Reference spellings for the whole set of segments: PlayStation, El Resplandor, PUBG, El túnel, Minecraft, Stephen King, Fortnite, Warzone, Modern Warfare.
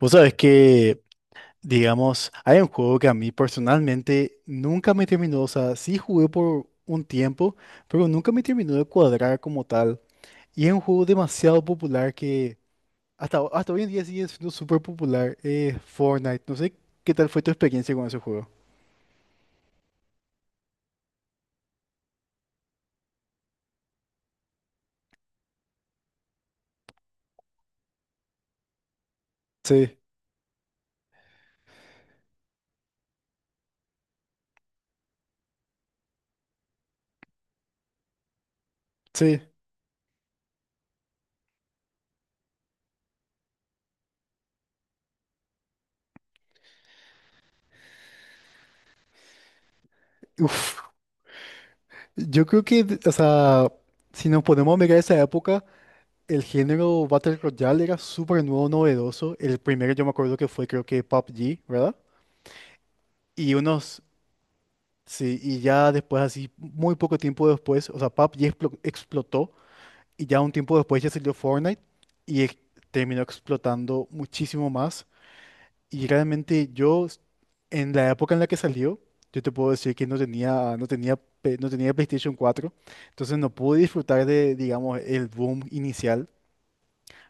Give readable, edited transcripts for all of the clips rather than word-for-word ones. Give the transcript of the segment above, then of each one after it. Vos sabés que, digamos, hay un juego que a mí personalmente nunca me terminó, o sea, sí jugué por un tiempo, pero nunca me terminó de cuadrar como tal. Y es un juego demasiado popular que hasta, hasta hoy en día sigue siendo súper popular, Fortnite. No sé qué tal fue tu experiencia con ese juego. Sí, sí. Uf. Yo creo que, o sea, si nos ponemos a mirar esa época, el género Battle Royale era súper nuevo, novedoso. El primero yo me acuerdo que fue creo que PUBG, ¿verdad? Y unos, sí, y ya después, así, muy poco tiempo después, o sea, explotó y ya un tiempo después ya salió Fortnite y terminó explotando muchísimo más. Y realmente yo, en la época en la que salió, yo te puedo decir que no tenía PlayStation 4 entonces no pude disfrutar de, digamos, el boom inicial.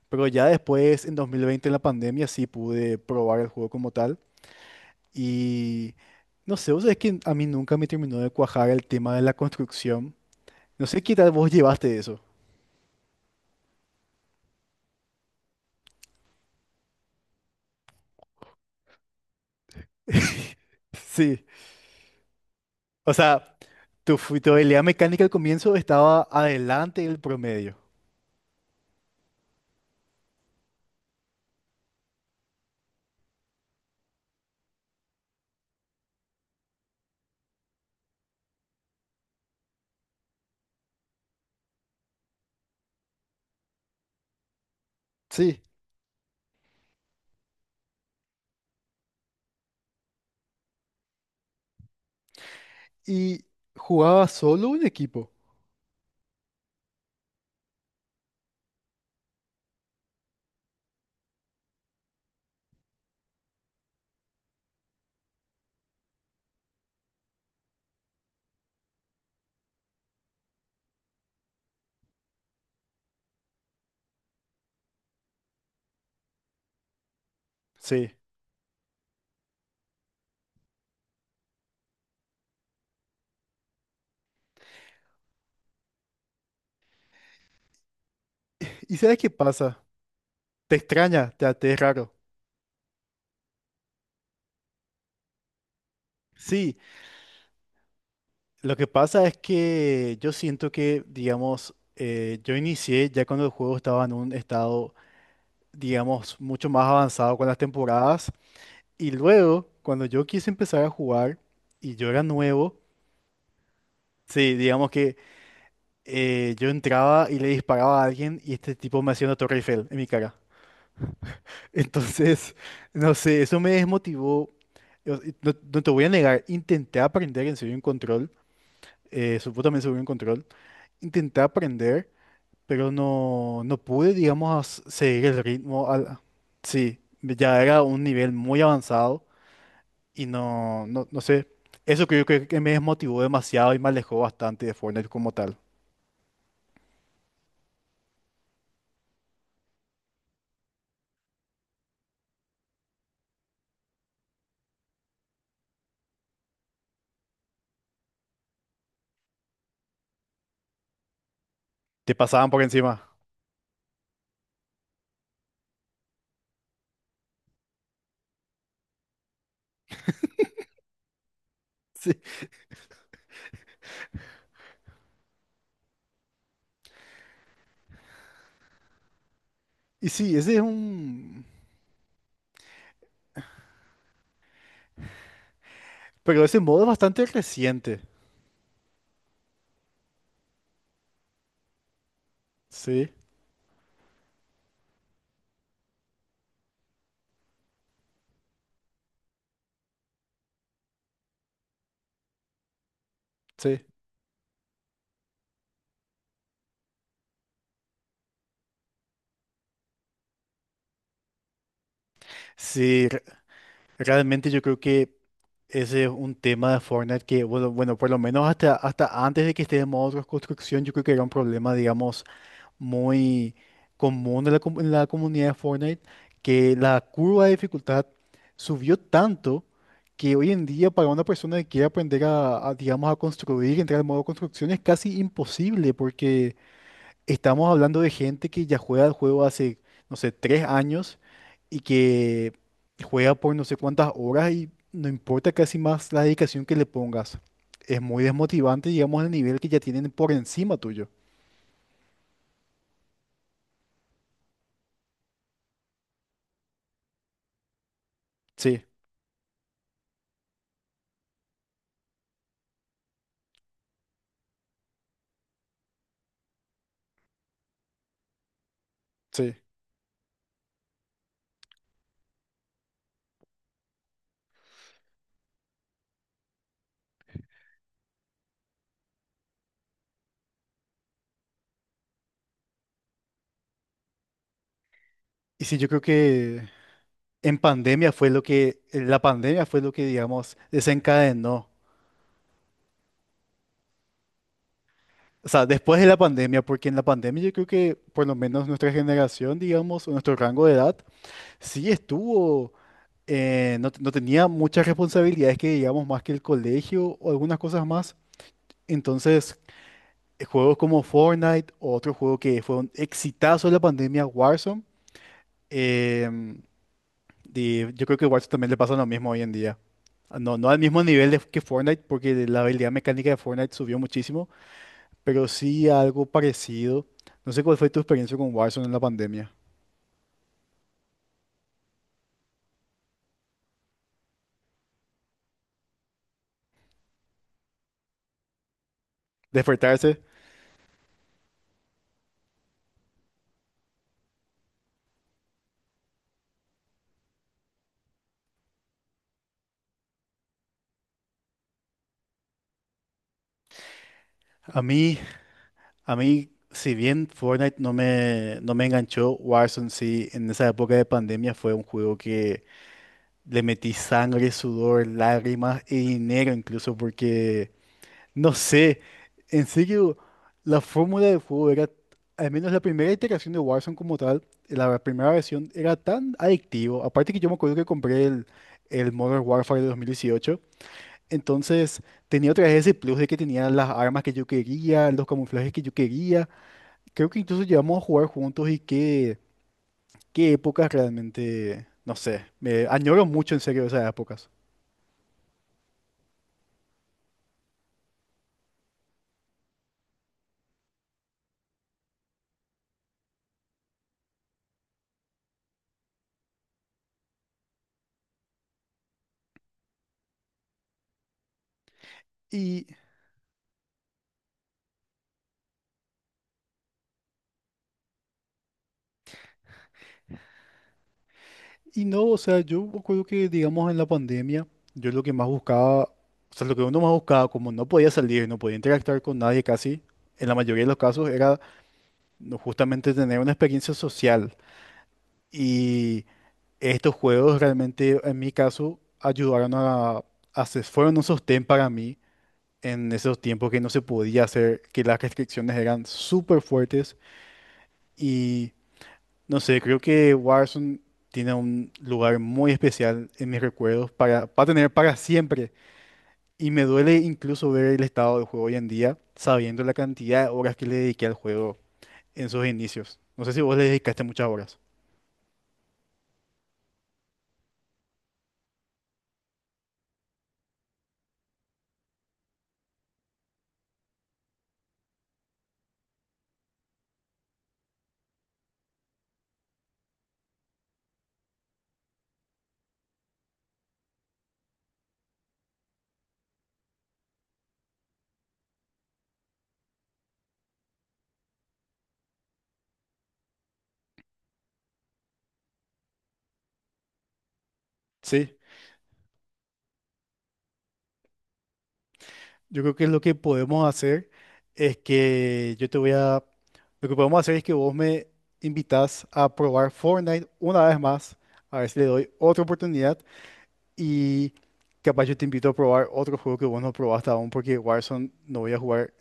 Pero ya después, en 2020, en la pandemia, sí pude probar el juego como tal. Y no sé, vos sabés que a mí nunca me terminó de cuajar el tema de la construcción. No sé qué tal vos llevaste eso. Sí, o sea, tu habilidad mecánica al comienzo estaba adelante del promedio. Sí, y jugaba solo un equipo. Sí. ¿Y sabes qué pasa? Te extraña, te es raro. Sí, lo que pasa es que yo siento que, digamos, yo inicié ya cuando el juego estaba en un estado digamos, mucho más avanzado con las temporadas. Y luego, cuando yo quise empezar a jugar y yo era nuevo, sí, digamos que yo entraba y le disparaba a alguien y este tipo me hacía una Torre Eiffel en mi cara. Entonces, no sé, eso me desmotivó. No, no te voy a negar, intenté aprender en serio en control, supo también seguro en control, intenté aprender, pero no, no pude, digamos, seguir el ritmo. Sí, ya era un nivel muy avanzado. Y no, no, no sé. Eso creo que me desmotivó demasiado y me alejó bastante de Fortnite como tal. Te pasaban por encima. Sí. Y sí, ese es un... Pero ese modo es bastante reciente. Sí, sí. Sí, realmente yo creo que ese es un tema de Fortnite que, bueno, bueno, por lo menos hasta, hasta antes de que esté de modo de construcción, yo creo que era un problema, digamos muy común en la, en la comunidad de Fortnite, que la curva de dificultad subió tanto que hoy en día para una persona que quiere aprender a, digamos, a construir, entrar al modo construcción es casi imposible porque estamos hablando de gente que ya juega el juego hace, no sé, 3 años y que juega por no sé cuántas horas y no importa casi más la dedicación que le pongas. Es muy desmotivante, digamos, el nivel que ya tienen por encima tuyo. Sí, sí. Y sí, yo creo que en pandemia fue lo que, la pandemia fue lo que, digamos, desencadenó. O sea, después de la pandemia, porque en la pandemia yo creo que por lo menos nuestra generación, digamos, o nuestro rango de edad, sí estuvo, no, no tenía muchas responsabilidades que, digamos, más que el colegio o algunas cosas más. Entonces, juegos como Fortnite o otro juego que fue un exitazo de la pandemia, Warzone, em, y yo creo que Warzone también le pasa lo mismo hoy en día. No, no al mismo que Fortnite, porque la habilidad mecánica de Fortnite subió muchísimo, pero sí algo parecido. No sé cuál fue tu experiencia con Warzone en la pandemia. Despertarse. A mí, a mí, si bien Fortnite no me enganchó, Warzone sí, en esa época de pandemia fue un juego que le metí sangre, sudor, lágrimas y dinero incluso, porque no sé, en serio, la fórmula del juego era, al menos la primera iteración de Warzone como tal, la primera versión era tan adictivo. Aparte que yo me acuerdo que el Modern Warfare de 2018, entonces tenía otra vez ese plus de que tenía las armas que yo quería, los camuflajes que yo quería. Creo que incluso llegamos a jugar juntos y qué épocas realmente, no sé, me añoro mucho en serio esas épocas. Y Y no, o sea, yo me acuerdo que, digamos, en la pandemia, yo lo que más buscaba, o sea, lo que uno más buscaba, como no podía salir, no podía interactuar con nadie casi, en la mayoría de los casos era no, justamente tener una experiencia social. Y estos juegos realmente, en mi caso, ayudaron a se- fueron un sostén para mí en esos tiempos que no se podía hacer, que las restricciones eran súper fuertes y no sé, creo que Warzone tiene un lugar muy especial en mis recuerdos para tener para siempre. Y me duele incluso ver el estado del juego hoy en día, sabiendo la cantidad de horas que le dediqué al juego en sus inicios. No sé si vos le dedicaste muchas horas. Sí, yo creo que lo que podemos hacer es que yo te voy a... Lo que podemos hacer es que vos me invitas a probar Fortnite una vez más, a ver si le doy otra oportunidad. Y capaz yo te invito a probar otro juego que vos no probaste aún, porque Warzone no voy a jugar,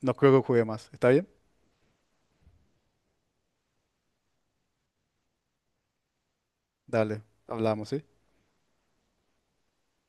no creo que juegue más. ¿Está bien? Dale, hablamos, ¿sí?